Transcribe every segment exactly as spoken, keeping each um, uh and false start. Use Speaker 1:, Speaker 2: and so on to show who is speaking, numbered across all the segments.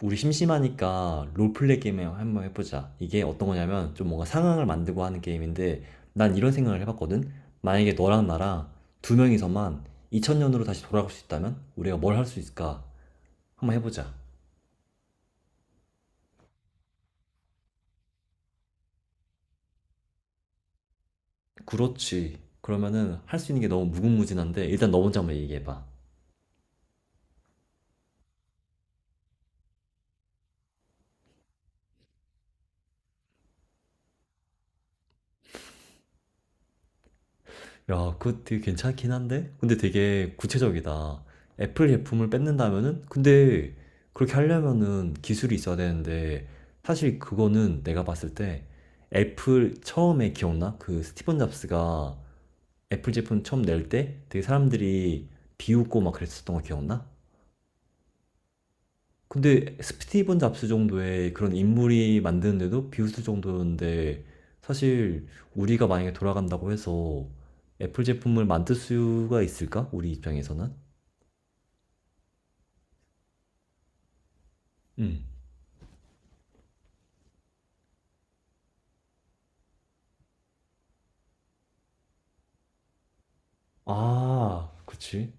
Speaker 1: 우리 심심하니까 롤플레이 게임 한번 해보자. 이게 어떤 거냐면 좀 뭔가 상황을 만들고 하는 게임인데 난 이런 생각을 해봤거든. 만약에 너랑 나랑 두 명이서만 이천 년으로 다시 돌아갈 수 있다면 우리가 뭘 할 수 있을까? 한번 해보자. 그렇지. 그러면은 할 수 있는 게 너무 무궁무진한데 일단 너 먼저 한번 얘기해봐. 야, 그거 되게 괜찮긴 한데? 근데 되게 구체적이다. 애플 제품을 뺏는다면은? 근데 그렇게 하려면은 기술이 있어야 되는데, 사실 그거는 내가 봤을 때 애플 처음에 기억나? 그 스티븐 잡스가 애플 제품 처음 낼 때 되게 사람들이 비웃고 막 그랬었던 거 기억나? 근데 스티븐 잡스 정도의 그런 인물이 만드는데도 비웃을 정도였는데 사실 우리가 만약에 돌아간다고 해서 애플 제품을 만들 수가 있을까? 우리 입장에서는? 음. 아, 그치.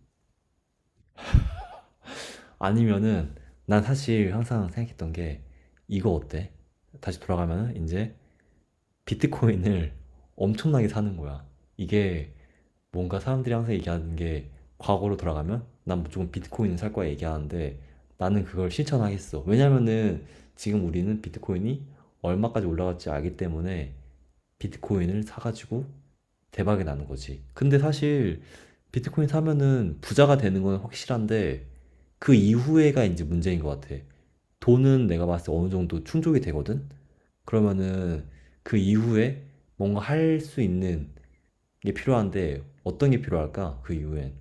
Speaker 1: 아니면은 난 사실 항상 생각했던 게 이거 어때? 다시 돌아가면은 이제 비트코인을 엄청나게 사는 거야. 이게 뭔가 사람들이 항상 얘기하는 게 과거로 돌아가면 난 무조건 비트코인을 살 거야 얘기하는데 나는 그걸 실천하겠어. 왜냐면은 지금 우리는 비트코인이 얼마까지 올라갈지 알기 때문에 비트코인을 사가지고 대박이 나는 거지. 근데 사실 비트코인 사면은 부자가 되는 건 확실한데 그 이후에가 이제 문제인 것 같아. 돈은 내가 봤을 때 어느 정도 충족이 되거든? 그러면은 그 이후에 뭔가 할 수 있는 게 필요한데 어떤 게 필요할까? 그 이후엔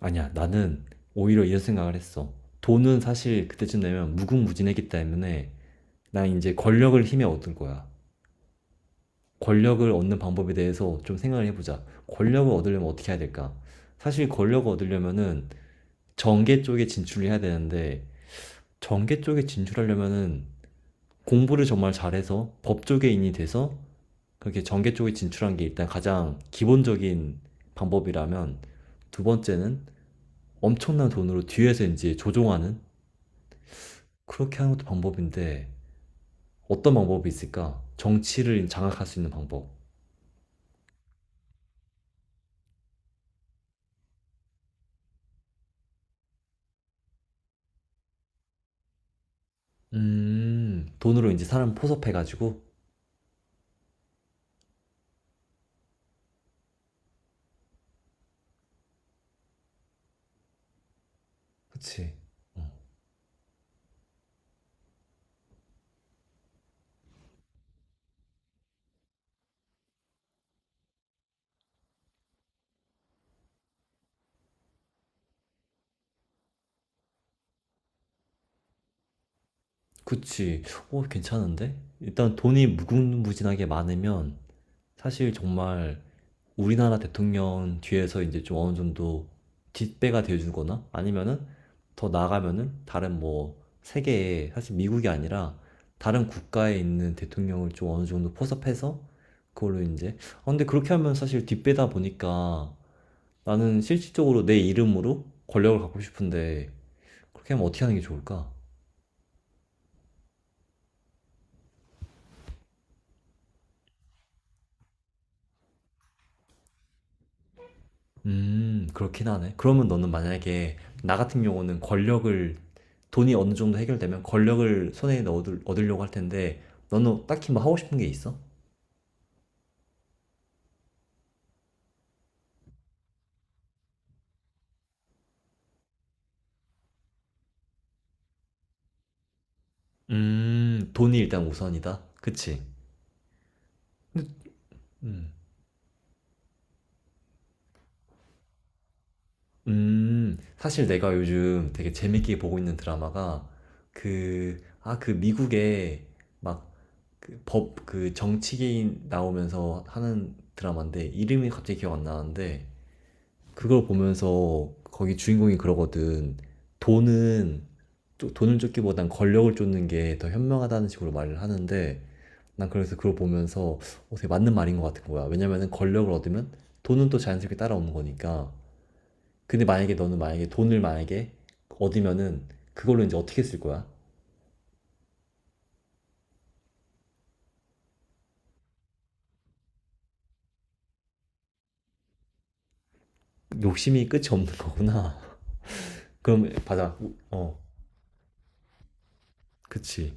Speaker 1: 아니야 나는 오히려 이런 생각을 했어. 돈은 사실 그때쯤 되면 무궁무진했기 때문에 난 이제 권력을 힘에 얻을 거야. 권력을 얻는 방법에 대해서 좀 생각을 해보자. 권력을 얻으려면 어떻게 해야 될까? 사실 권력을 얻으려면은 정계 쪽에 진출을 해야 되는데 정계 쪽에 진출하려면은 공부를 정말 잘해서 법쪽계 인이 돼서 그렇게 정계 쪽에 진출한 게 일단 가장 기본적인 방법이라면 두 번째는 엄청난 돈으로 뒤에서 이제 조종하는 그렇게 하는 것도 방법인데 어떤 방법이 있을까? 정치를 장악할 수 있는 방법. 음, 돈으로 이제 사람 포섭해가지고. 그치. 어, 그치. 오, 괜찮은데? 일단 돈이 무궁무진하게 많으면 사실 정말 우리나라 대통령 뒤에서 이제 좀 어느 정도 뒷배가 돼주거나 아니면은 더 나아가면은 다른 뭐 세계에 사실 미국이 아니라 다른 국가에 있는 대통령을 좀 어느 정도 포섭해서 그걸로 이제 아, 근데 그렇게 하면 사실 뒷배다 보니까 나는 실질적으로 내 이름으로 권력을 갖고 싶은데 그렇게 하면 어떻게 하는 게 좋을까? 음, 그렇긴 하네. 그러면 너는 만약에 나 같은 경우는 권력을 돈이 어느 정도 해결되면 권력을 손에 넣어 얻으려고 할 텐데 너는 딱히 뭐 하고 싶은 게 있어? 음, 돈이 일단 우선이다. 그치? 음. 음, 사실 내가 요즘 되게 재밌게 보고 있는 드라마가 그, 아, 그 미국의 막 그 법, 그 정치계인 나오면서 하는 드라마인데 이름이 갑자기 기억 안 나는데 그걸 보면서 거기 주인공이 그러거든. 돈은 쪼- 돈을 쫓기보단 권력을 쫓는 게 더 현명하다는 식으로 말을 하는데 난 그래서 그걸 보면서 어, 되게 맞는 말인 것 같은 거야. 왜냐면은 권력을 얻으면 돈은 또 자연스럽게 따라오는 거니까. 근데 만약에 너는 만약에 돈을 만약에 얻으면은 그걸로 이제 어떻게 쓸 거야? 욕심이 끝이 없는 거구나. 그럼 받아. 어, 그치.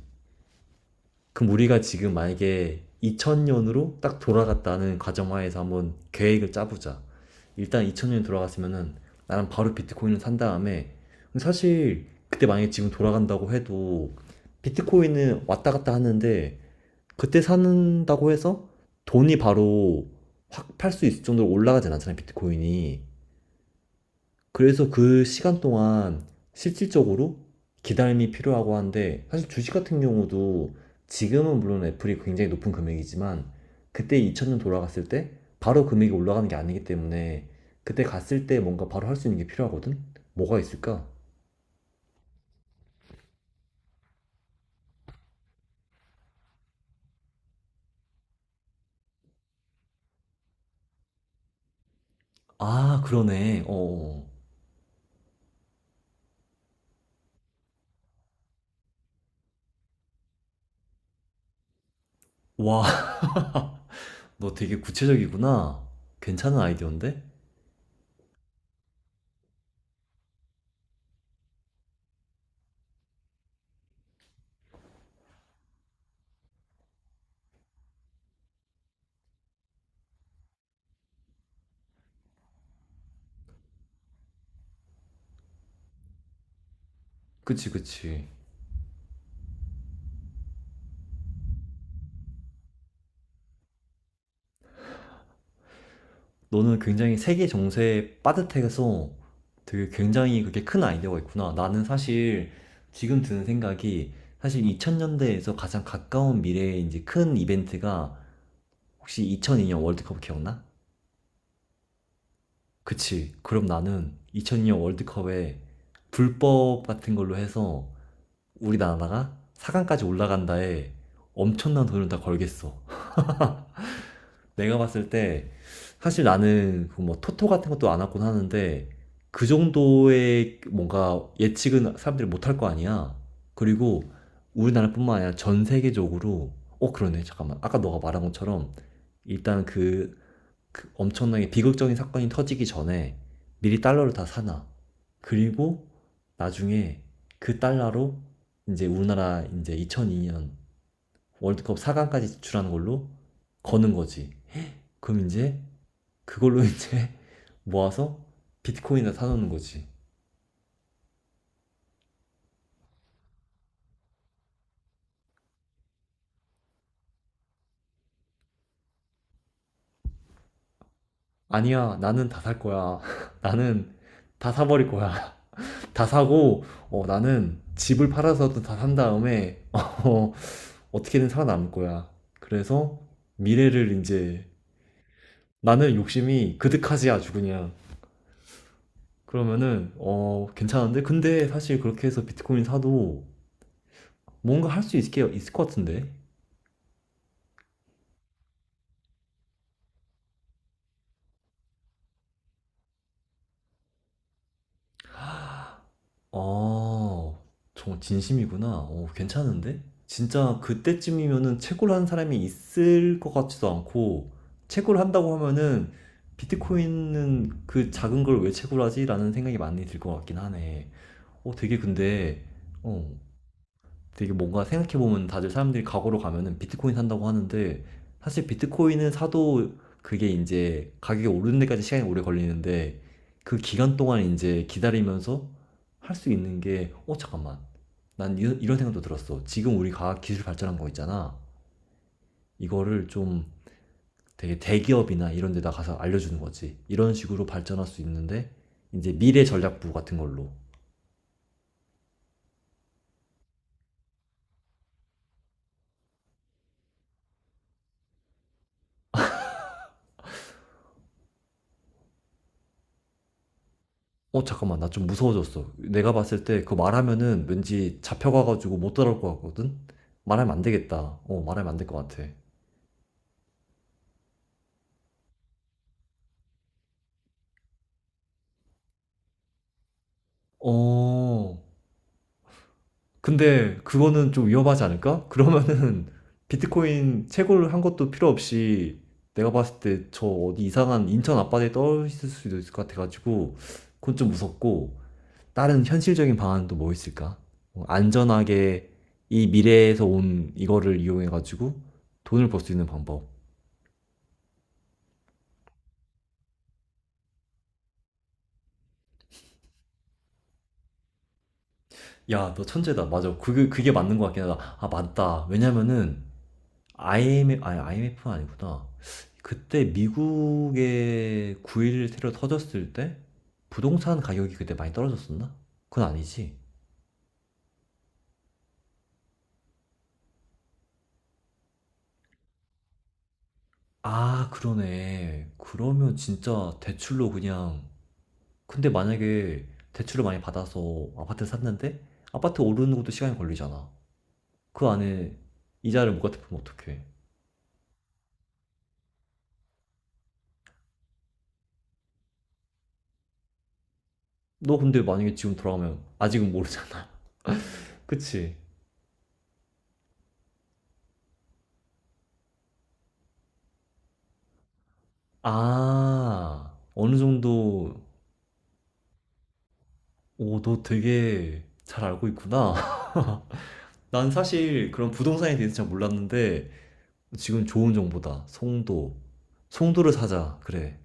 Speaker 1: 그럼 우리가 지금 만약에 이천 년으로 딱 돌아갔다는 가정하에서 한번 계획을 짜보자. 일단 이천 년 돌아갔으면은 나는 바로 비트코인을 산 다음에 사실 그때 만약에 지금 돌아간다고 해도 비트코인은 왔다 갔다 하는데 그때 산다고 해서 돈이 바로 확 팔 수 있을 정도로 올라가진 않잖아요, 비트코인이. 그래서 그 시간 동안 실질적으로 기다림이 필요하고 한데 사실 주식 같은 경우도 지금은 물론 애플이 굉장히 높은 금액이지만 그때 이천 년 돌아갔을 때 바로 금액이 올라가는 게 아니기 때문에 그때 갔을 때 뭔가 바로 할 수 있는 게 필요하거든? 뭐가 있을까? 아, 그러네. 어. 와, 너 되게 구체적이구나. 괜찮은 아이디어인데? 그치, 그치. 너는 굉장히 세계 정세에 빠듯해서 되게 굉장히 그게 렇큰 아이디어가 있구나. 나는 사실 지금 드는 생각이 사실 이천 년대에서 가장 가까운 미래에 이제 큰 이벤트가 혹시 이천이 년 월드컵 기억나? 그치. 그럼 나는 이천이 년 월드컵에 불법 같은 걸로 해서 우리나라가 사 강까지 올라간다에 엄청난 돈을 다 걸겠어. 내가 봤을 때 사실 나는 그뭐 토토 같은 것도 안 하곤 하는데 그 정도의 뭔가 예측은 사람들이 못 할 거 아니야. 그리고 우리나라뿐만 아니라 전 세계적으로 어 그러네 잠깐만 아까 너가 말한 것처럼 일단 그, 그 엄청나게 비극적인 사건이 터지기 전에 미리 달러를 다 사놔. 그리고 나중에 그 달러로 이제 우리나라 이제 이천이 년 월드컵 사 강까지 진출하는 걸로 거는 거지. 그럼 이제 그걸로 이제 모아서 비트코인을 사놓는 거지. 아니야, 나는 다 살 거야. 나는 다 사버릴 거야. 다 사고, 어, 나는 집을 팔아서도 다 산 다음에, 어, 어떻게든 살아남을 거야. 그래서 미래를 이제, 나는 욕심이 그득하지 아주 그냥. 그러면은, 어, 괜찮은데? 근데 사실 그렇게 해서 비트코인 사도 뭔가 할 수 있게 있을 것 같은데? 어. 정말 진심이구나. 오, 괜찮은데? 진짜 그때쯤이면은 채굴 하는 사람이 있을 것 같지도 않고 채굴 한다고 하면은 비트코인은 그 작은 걸 왜 채굴하지? 라는 생각이 많이 들 것 같긴 하네. 어 되게 근데 어 되게 뭔가 생각해보면 다들 사람들이 과거로 가면은 비트코인 산다고 하는데 사실 비트코인은 사도 그게 이제 가격이 오르는 데까지 시간이 오래 걸리는데 그 기간 동안 이제 기다리면서 할 수 있는 게 어 잠깐만 난 이- 이런 생각도 들었어 지금 우리 과학 기술 발전한 거 있잖아 이거를 좀 되게 대기업이나 이런 데다 가서 알려주는 거지 이런 식으로 발전할 수 있는데 이제 미래 전략부 같은 걸로 어, 잠깐만, 나 좀 무서워졌어. 내가 봤을 때 그거 말하면은 왠지 잡혀가가지고 못 따라올 것 같거든? 말하면 안 되겠다. 어, 말하면 안 될 것 같아. 어, 근데 그거는 좀 위험하지 않을까? 그러면은 비트코인 채굴 한 것도 필요 없이 내가 봤을 때 저 어디 이상한 인천 앞바다에 떠 있을 수도 있을 것 같아가지고 그건 좀 무섭고 다른 현실적인 방안은 또 뭐 있을까? 어, 안전하게 이 미래에서 온 이거를 이용해가지고 돈을 벌 수 있는 방법. 야, 너 천재다. 맞아. 그게, 그게 맞는 것 같긴 하다. 아, 맞다. 왜냐면은, 아이엠에프, 아니, 아이엠에프가 아니구나. 그때 미국의 구 일1 테러 터졌을 때, 부동산 가격이 그때 많이 떨어졌었나? 그건 아니지. 아, 그러네. 그러면 진짜 대출로 그냥, 근데 만약에 대출을 많이 받아서 아파트 샀는데, 아파트 오르는 것도 시간이 걸리잖아. 그 안에 이자를 못 갚으면 어떡해. 너 근데 만약에 지금 돌아가면 아직은 모르잖아. 그치? 아, 어느 정도, 오, 너 되게 잘 알고 있구나. 난 사실 그런 부동산에 대해서 잘 몰랐는데, 지금 좋은 정보다. 송도. 송도를 사자. 그래.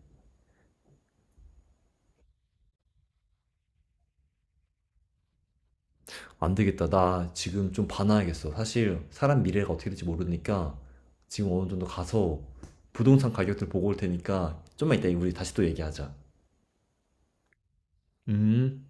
Speaker 1: 안 되겠다. 나 지금 좀 봐놔야겠어. 사실 사람 미래가 어떻게 될지 모르니까, 지금 어느 정도 가서 부동산 가격들 보고 올 테니까, 좀만 이따 우리 다시 또 얘기하자. 음.